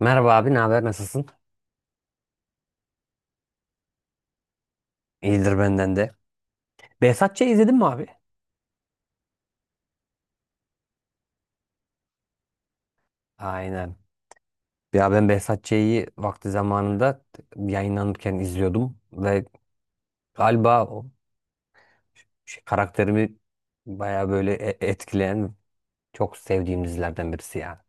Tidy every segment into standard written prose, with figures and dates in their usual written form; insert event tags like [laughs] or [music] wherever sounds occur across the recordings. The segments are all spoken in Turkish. Merhaba abi, ne haber? Nasılsın? İyidir benden de. Behzat Ç'yi izledin mi abi? Aynen. Ya ben Behzat vakti zamanında yayınlanırken izliyordum ve galiba o şey, karakterimi baya böyle etkileyen çok sevdiğim dizilerden birisi ya.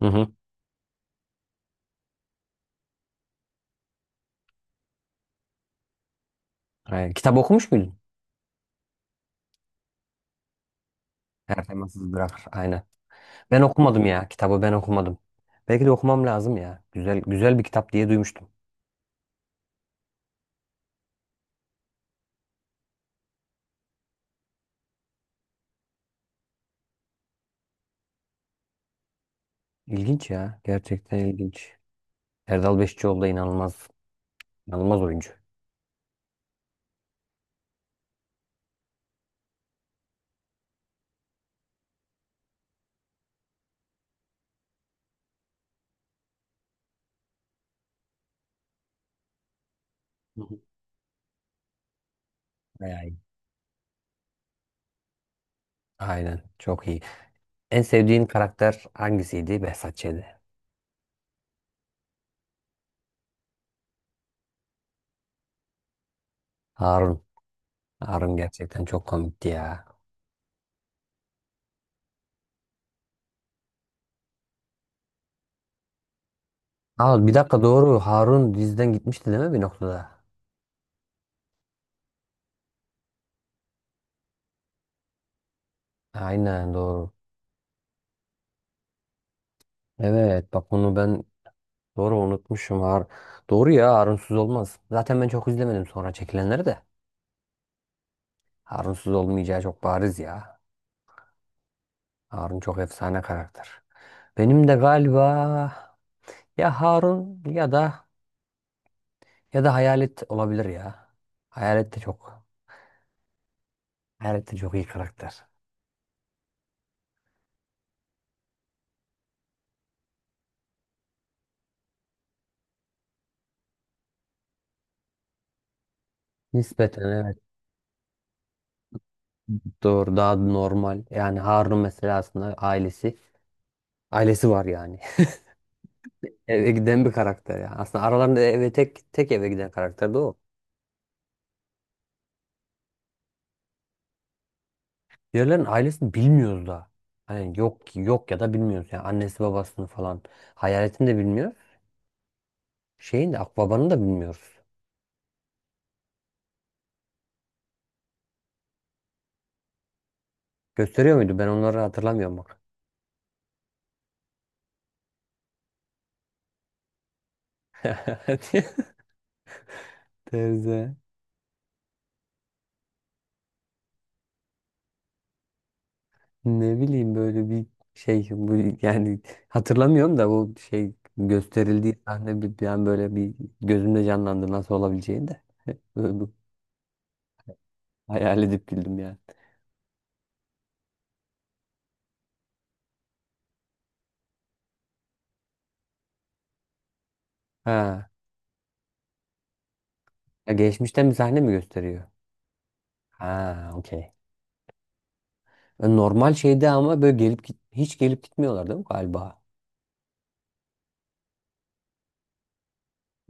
Hı hı. Aynen. Kitap okumuş muydun? Her temassız bırakır. Aynen. Ben okumadım ya. Kitabı ben okumadım. Belki de okumam lazım ya. Güzel güzel bir kitap diye duymuştum. İlginç ya. Gerçekten ilginç. Erdal Beşçioğlu da inanılmaz oyuncu. Hı hı. Bayağı iyi. Aynen. Çok iyi. En sevdiğin karakter hangisiydi? Behzat Ç'de. Harun. Harun gerçekten çok komikti ya. Aa, bir dakika doğru. Harun diziden gitmişti değil mi bir noktada? Aynen doğru. Evet bak bunu ben doğru unutmuşum. Doğru ya, Harunsuz olmaz. Zaten ben çok izlemedim sonra çekilenleri de. Harunsuz olmayacağı çok bariz ya. Harun çok efsane karakter. Benim de galiba ya Harun ya da Hayalet olabilir ya. Hayalet de çok Hayalettin çok iyi karakter. Nispeten evet. Doğru daha normal. Yani Harun mesela aslında ailesi var yani. [laughs] Eve giden bir karakter yani. Aslında aralarında eve tek tek eve giden karakter de o. Diğerlerin ailesini bilmiyoruz da. Hani yok yok ya da bilmiyoruz. Yani annesi babasını falan. Hayaletini de bilmiyoruz. Şeyin de Akbaba'nı da bilmiyoruz. Gösteriyor muydu? Ben onları hatırlamıyorum bak. [laughs] Teyze. Ne bileyim böyle bir şey bu yani hatırlamıyorum da bu şey gösterildiği sahne bir an böyle bir gözümde canlandı nasıl olabileceğini de. [laughs] Böyle bir hayal edip güldüm yani. Ha, ya geçmişten bir sahne mi gösteriyor? Ha, okey. Normal şeyde ama böyle gelip git hiç gelip gitmiyorlar değil mi galiba?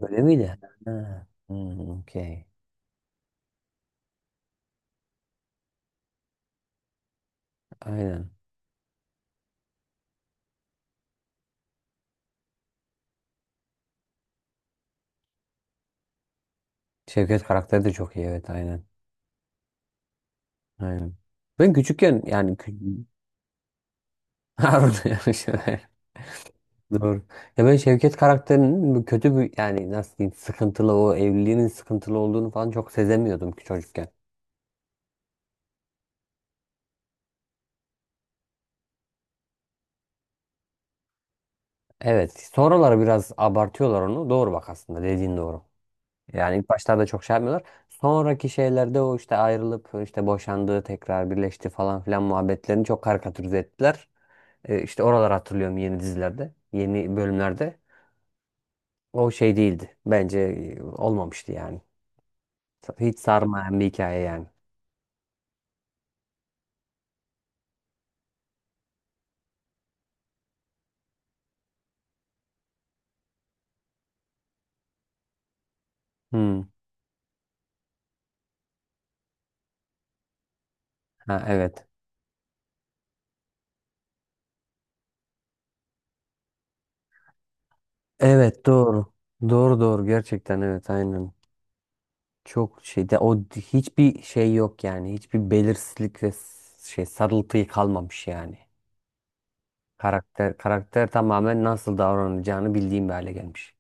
Öyle miydi? Ha. Hmm, okey. Aynen. Şevket karakteri de çok iyi, evet aynen. Aynen. Ben küçükken yani [laughs] Harun yarışı. [laughs] Doğru. Ya ben Şevket karakterinin bu kötü bir yani nasıl diyeyim sıkıntılı o evliliğinin sıkıntılı olduğunu falan çok sezemiyordum ki çocukken. Evet. Sonraları biraz abartıyorlar onu. Doğru bak, aslında dediğin doğru. Yani ilk başlarda çok şey yapmıyorlar. Sonraki şeylerde o işte ayrılıp işte boşandığı tekrar birleşti falan filan muhabbetlerini çok karikatürize ettiler. İşte oraları hatırlıyorum yeni dizilerde, yeni bölümlerde. O şey değildi. Bence olmamıştı yani. Hiç sarmayan bir hikaye yani. Hmm. Ha, evet. Evet doğru. Doğru gerçekten, evet aynen. Çok şeyde o hiçbir şey yok yani. Hiçbir belirsizlik ve şey sarıltıyı kalmamış yani. Karakter tamamen nasıl davranacağını bildiğim bir hale gelmiş.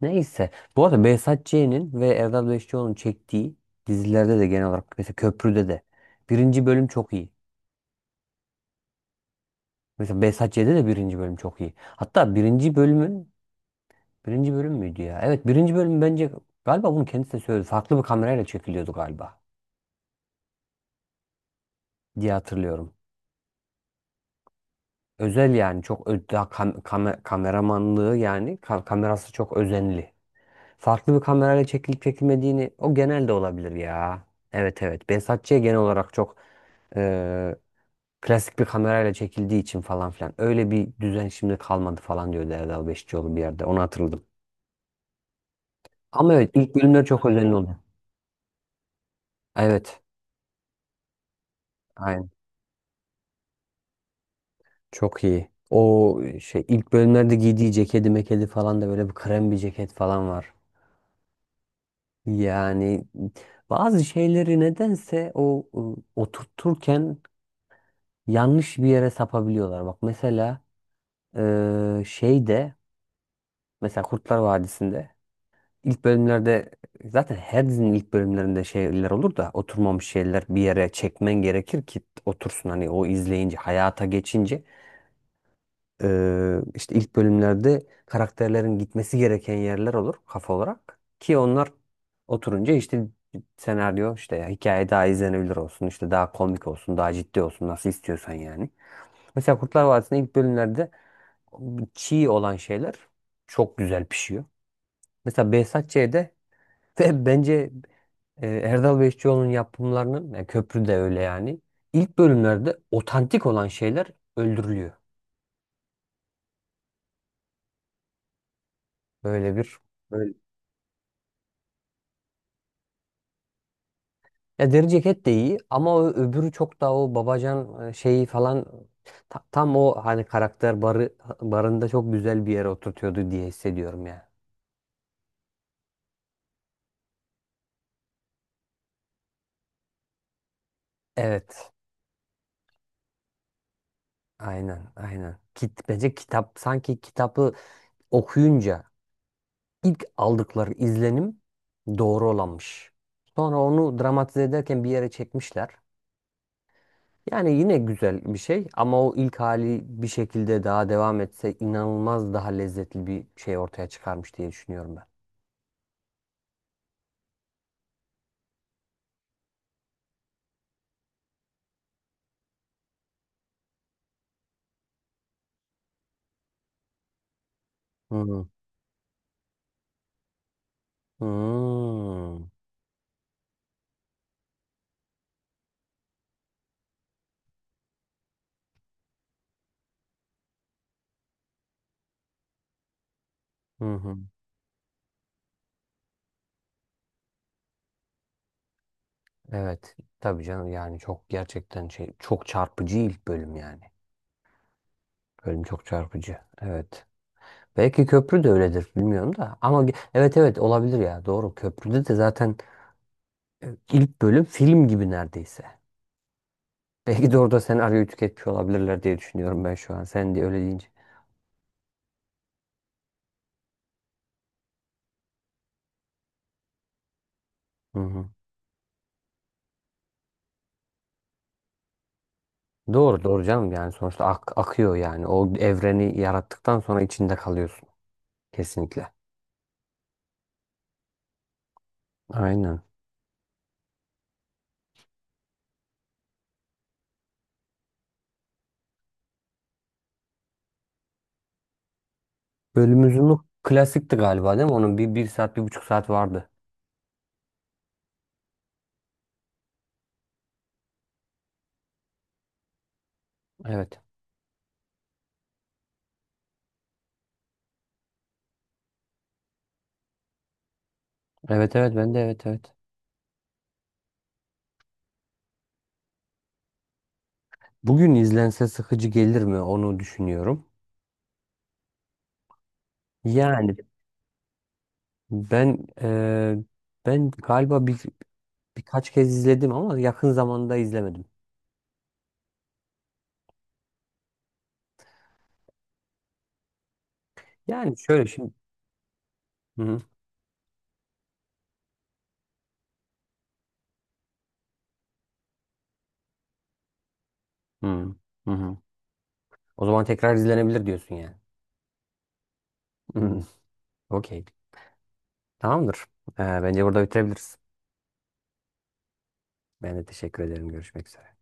Neyse. Bu arada Behzat Ç'nin ve Erdal Beşikçioğlu'nun çektiği dizilerde de genel olarak mesela Köprü'de de birinci bölüm çok iyi. Mesela Behzat Ç'de de birinci bölüm çok iyi. Hatta birinci bölümün birinci bölüm müydü ya? Evet, birinci bölüm bence galiba bunu kendisi de söyledi. Farklı bir kamerayla çekiliyordu galiba diye hatırlıyorum. Özel yani çok kameramanlığı yani kamerası çok özenli. Farklı bir kamerayla çekilip çekilmediğini o genelde olabilir ya. Evet evet. Behzatçı'ya genel olarak çok eee, klasik bir kamerayla çekildiği için falan filan. Öyle bir düzen şimdi kalmadı falan diyordu Erdal Beşikçioğlu bir yerde. Onu hatırladım. Ama evet, ilk bölümler çok özenli oldu. Evet. Çok iyi. O şey ilk bölümlerde giydiği ceketi mekedi falan da böyle bir krem bir ceket falan var. Yani bazı şeyleri nedense o oturturken yanlış bir yere sapabiliyorlar. Bak mesela şeyde mesela Kurtlar Vadisi'nde ilk bölümlerde zaten her dizinin ilk bölümlerinde şeyler olur da oturmamış şeyler bir yere çekmen gerekir ki otursun hani o izleyince hayata geçince. İşte ilk bölümlerde karakterlerin gitmesi gereken yerler olur kafa olarak. Ki onlar oturunca işte senaryo işte hikaye daha izlenebilir olsun işte daha komik olsun daha ciddi olsun nasıl istiyorsan yani. Mesela Kurtlar Vadisi'nin ilk bölümlerde çiğ olan şeyler çok güzel pişiyor. Mesela Behzat Ç'de ve [laughs] bence Erdal Beşçioğlu'nun yapımlarının yani köprü de öyle yani. İlk bölümlerde otantik olan şeyler öldürülüyor. Böyle bir ya deri ceket de iyi ama o öbürü çok daha o babacan şeyi falan tam o hani karakter barında çok güzel bir yere oturtuyordu diye hissediyorum ya. Evet. Aynen, aynen. Bence kitap sanki kitabı okuyunca ilk aldıkları izlenim doğru olanmış. Sonra onu dramatize ederken bir yere çekmişler. Yani yine güzel bir şey ama o ilk hali bir şekilde daha devam etse inanılmaz daha lezzetli bir şey ortaya çıkarmış diye düşünüyorum ben. Hmm. Hı hı. Evet. Tabii canım yani çok gerçekten şey çok çarpıcı ilk bölüm yani. Bölüm çok çarpıcı. Evet. Belki köprü de öyledir bilmiyorum da. Ama evet evet olabilir ya. Doğru. Köprüde de zaten ilk bölüm film gibi neredeyse. [laughs] Belki de orada senaryoyu tüketmiş olabilirler diye düşünüyorum ben şu an. Sen de öyle deyince. Hı hı. Doğru canım yani sonuçta akıyor yani. O evreni yarattıktan sonra içinde kalıyorsun. Kesinlikle. Aynen. Bölüm uzunluk klasikti galiba değil mi? Onun bir saat, bir buçuk saat vardı. Evet. Evet ben de, evet. Bugün izlense sıkıcı gelir mi onu düşünüyorum. Yani ben ben galiba birkaç kez izledim ama yakın zamanda izlemedim. Yani şöyle şimdi. Hı hı. Hı hı. Hı. O zaman tekrar izlenebilir diyorsun yani. Hı. Okey. Tamamdır. Bence burada bitirebiliriz. Ben de teşekkür ederim. Görüşmek üzere.